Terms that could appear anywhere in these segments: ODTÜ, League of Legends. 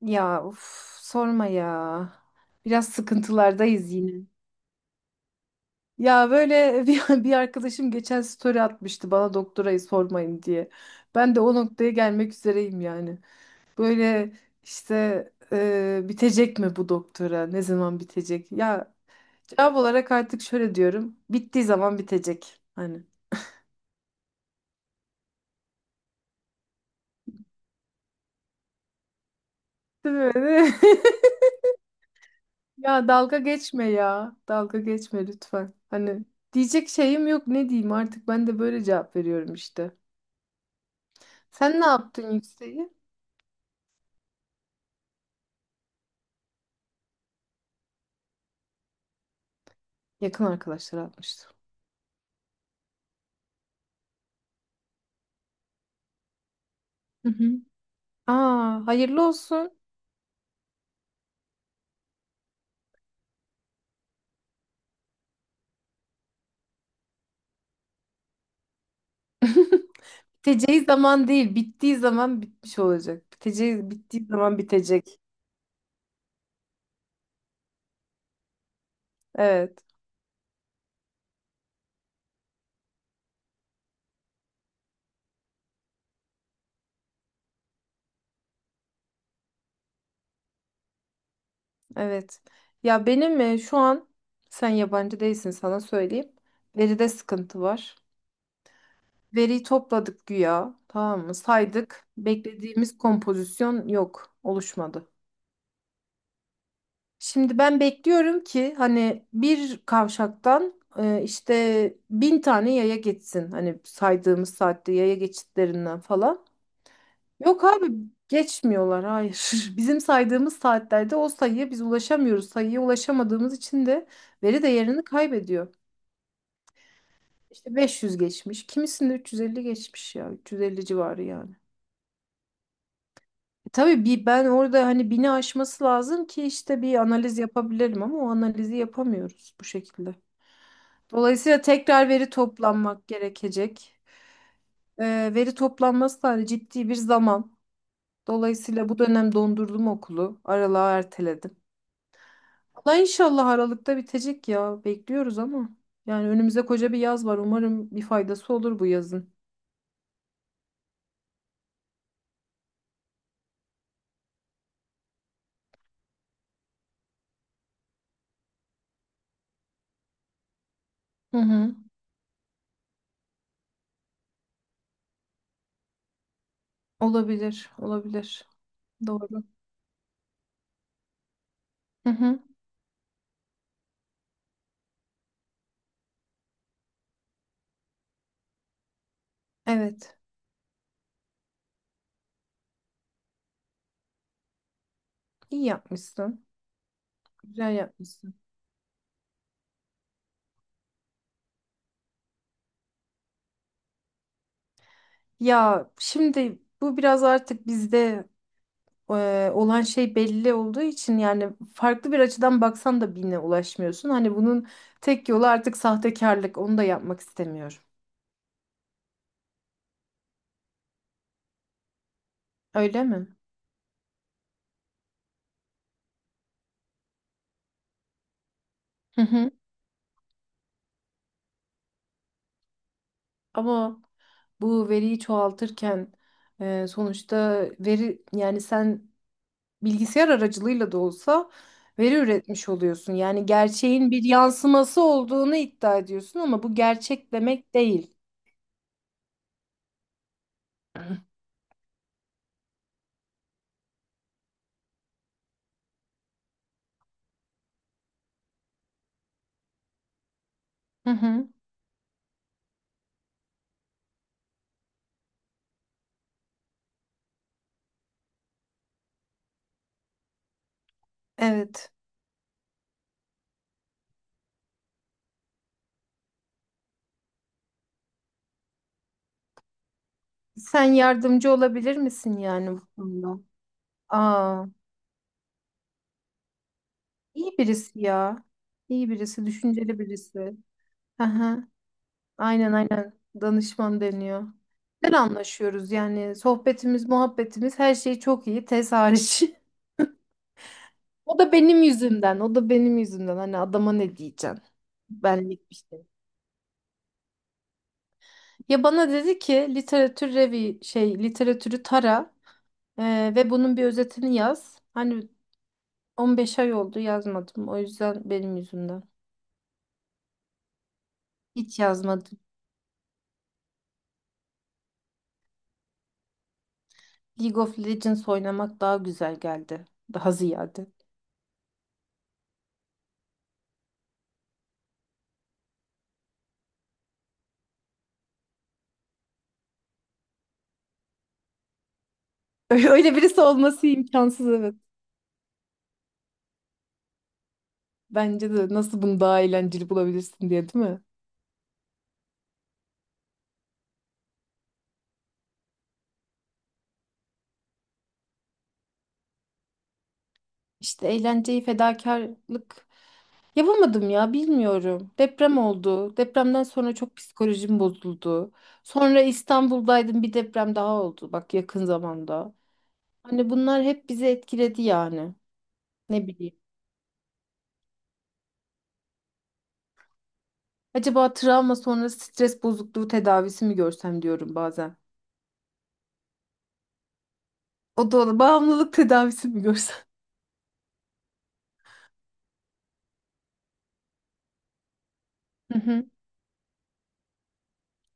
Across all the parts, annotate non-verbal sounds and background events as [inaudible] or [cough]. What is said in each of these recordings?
Ya uf, sorma ya. Biraz sıkıntılardayız yine. Ya böyle [laughs] bir arkadaşım geçen story atmıştı bana doktorayı sormayın diye. Ben de o noktaya gelmek üzereyim yani. Böyle işte bitecek mi bu doktora? Ne zaman bitecek? Ya cevap olarak artık şöyle diyorum. Bittiği zaman bitecek. Hani. Değil mi? [laughs] Ya dalga geçme ya. Dalga geçme lütfen. Hani diyecek şeyim yok, ne diyeyim artık, ben de böyle cevap veriyorum işte. Sen ne yaptın yükseği? Yakın arkadaşlar atmıştı. Hı hı. Aa, hayırlı olsun. [laughs] Biteceği zaman değil, bittiği zaman bitmiş olacak. Bittiği zaman bitecek. Evet, evet. Ya benim şu an sen yabancı değilsin, sana söyleyeyim. Veride sıkıntı var. Veriyi topladık güya, tamam mı? Saydık. Beklediğimiz kompozisyon yok, oluşmadı. Şimdi ben bekliyorum ki hani bir kavşaktan işte 1.000 tane yaya geçsin. Hani saydığımız saatte yaya geçitlerinden falan. Yok abi, geçmiyorlar, hayır. [laughs] Bizim saydığımız saatlerde o sayıya biz ulaşamıyoruz. Sayıya ulaşamadığımız için de veri değerini kaybediyor. İşte 500 geçmiş. Kimisinde 350 geçmiş ya. 350 civarı yani. E tabii bir ben orada hani 1.000'i aşması lazım ki işte bir analiz yapabilirim, ama o analizi yapamıyoruz bu şekilde. Dolayısıyla tekrar veri toplanmak gerekecek. Veri toplanması da hani ciddi bir zaman. Dolayısıyla bu dönem dondurdum okulu. Aralığa erteledim. Valla inşallah Aralık'ta bitecek ya. Bekliyoruz ama. Yani önümüzde koca bir yaz var. Umarım bir faydası olur bu yazın. Hı hı. Olabilir, olabilir. Doğru. Hı hı. Evet. İyi yapmışsın. Güzel yapmışsın. Ya şimdi bu biraz artık bizde olan şey belli olduğu için yani farklı bir açıdan baksan da birine ulaşmıyorsun. Hani bunun tek yolu artık sahtekarlık. Onu da yapmak istemiyorum. Öyle mi? Hı hı. Ama bu veriyi çoğaltırken sonuçta veri, yani sen bilgisayar aracılığıyla da olsa veri üretmiş oluyorsun. Yani gerçeğin bir yansıması olduğunu iddia ediyorsun ama bu gerçek demek değil. Hı. Hı hı. Evet. Sen yardımcı olabilir misin yani bu konuda? Aa, iyi birisi ya. İyi birisi, düşünceli birisi. Aha, aynen aynen. Danışman deniyor. Güzel anlaşıyoruz yani. Sohbetimiz, muhabbetimiz, her şey çok iyi. Tez hariç. [laughs] O da benim yüzümden. O da benim yüzümden. Hani adama ne diyeceksin? Benlik bir şey. Ya bana dedi ki literatür revi şey literatürü tara, ve bunun bir özetini yaz. Hani 15 ay oldu, yazmadım. O yüzden benim yüzümden. Hiç yazmadım. League of Legends oynamak daha güzel geldi. Daha ziyade. [laughs] Öyle birisi olması imkansız, evet. Bence de, nasıl bunu daha eğlenceli bulabilirsin diye, değil mi? İşte eğlenceyi fedakarlık yapamadım ya, bilmiyorum. Deprem oldu. Depremden sonra çok psikolojim bozuldu. Sonra İstanbul'daydım, bir deprem daha oldu bak yakın zamanda. Hani bunlar hep bizi etkiledi yani. Ne bileyim. Acaba travma sonrası stres bozukluğu tedavisi mi görsem diyorum bazen. O da olur. Bağımlılık tedavisi mi görsem? Hı hı.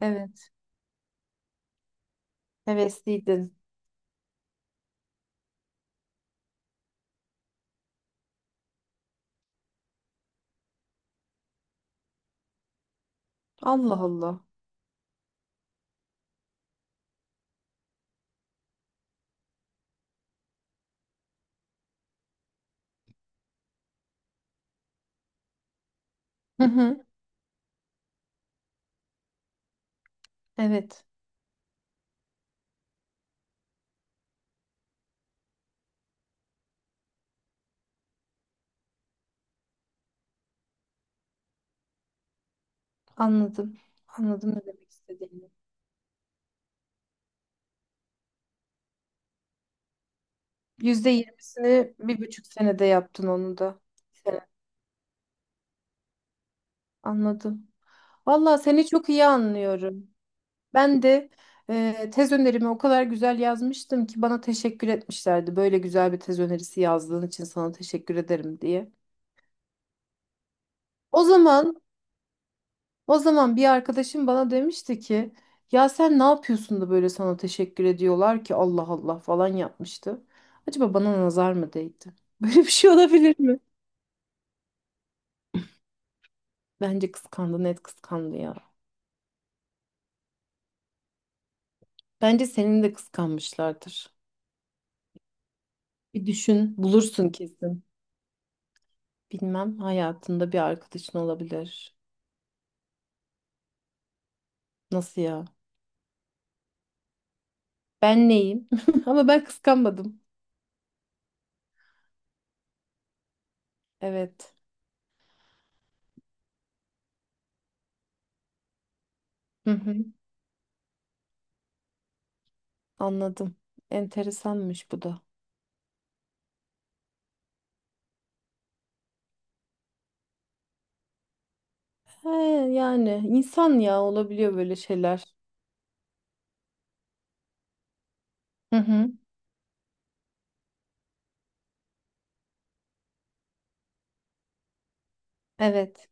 Evet. Hevesliydin. Allah Allah. Hı hı. Evet. Anladım. Anladım ne demek istediğini. Yüzde yirmisini bir buçuk senede yaptın onu da. Anladım. Valla seni çok iyi anlıyorum. Ben de tez önerimi o kadar güzel yazmıştım ki bana teşekkür etmişlerdi. Böyle güzel bir tez önerisi yazdığın için sana teşekkür ederim diye. O zaman o zaman bir arkadaşım bana demişti ki ya sen ne yapıyorsun da böyle sana teşekkür ediyorlar ki, Allah Allah falan yapmıştı. Acaba bana nazar mı değdi? [laughs] Böyle bir şey olabilir mi? Bence kıskandı, net kıskandı ya. Bence senin de kıskanmışlardır. Bir düşün, bulursun kesin. Bilmem, hayatında bir arkadaşın olabilir. Nasıl ya? Ben neyim? [laughs] Ama ben kıskanmadım. Evet. Hı hı. Anladım. Enteresanmış bu da. He, yani insan, ya olabiliyor böyle şeyler. Hı hı. Evet.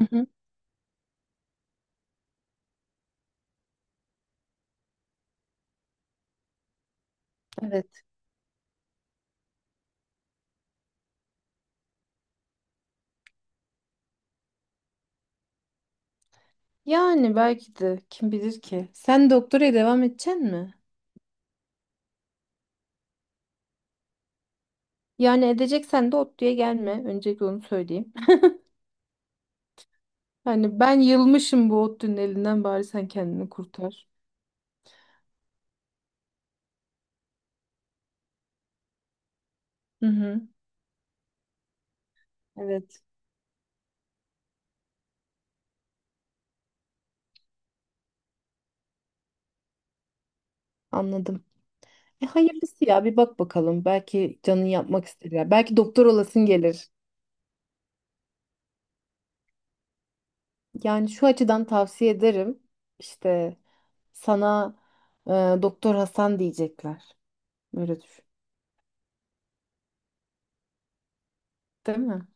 Hı hı. Evet. Yani belki de, kim bilir ki. Sen doktoraya devam edeceksin mi? Yani edeceksen de ODTÜ'ye gelme. Öncelikle onu söyleyeyim. [laughs] Hani ben yılmışım bu ODTÜ'nün elinden, bari sen kendini kurtar. Hı hı. Evet. Anladım. E, hayırlısı ya, bir bak bakalım. Belki canın yapmak ister ya. Belki doktor olasın gelir. Yani şu açıdan tavsiye ederim. İşte sana e, Doktor Hasan diyecekler. Böyle düşün. Değil mi?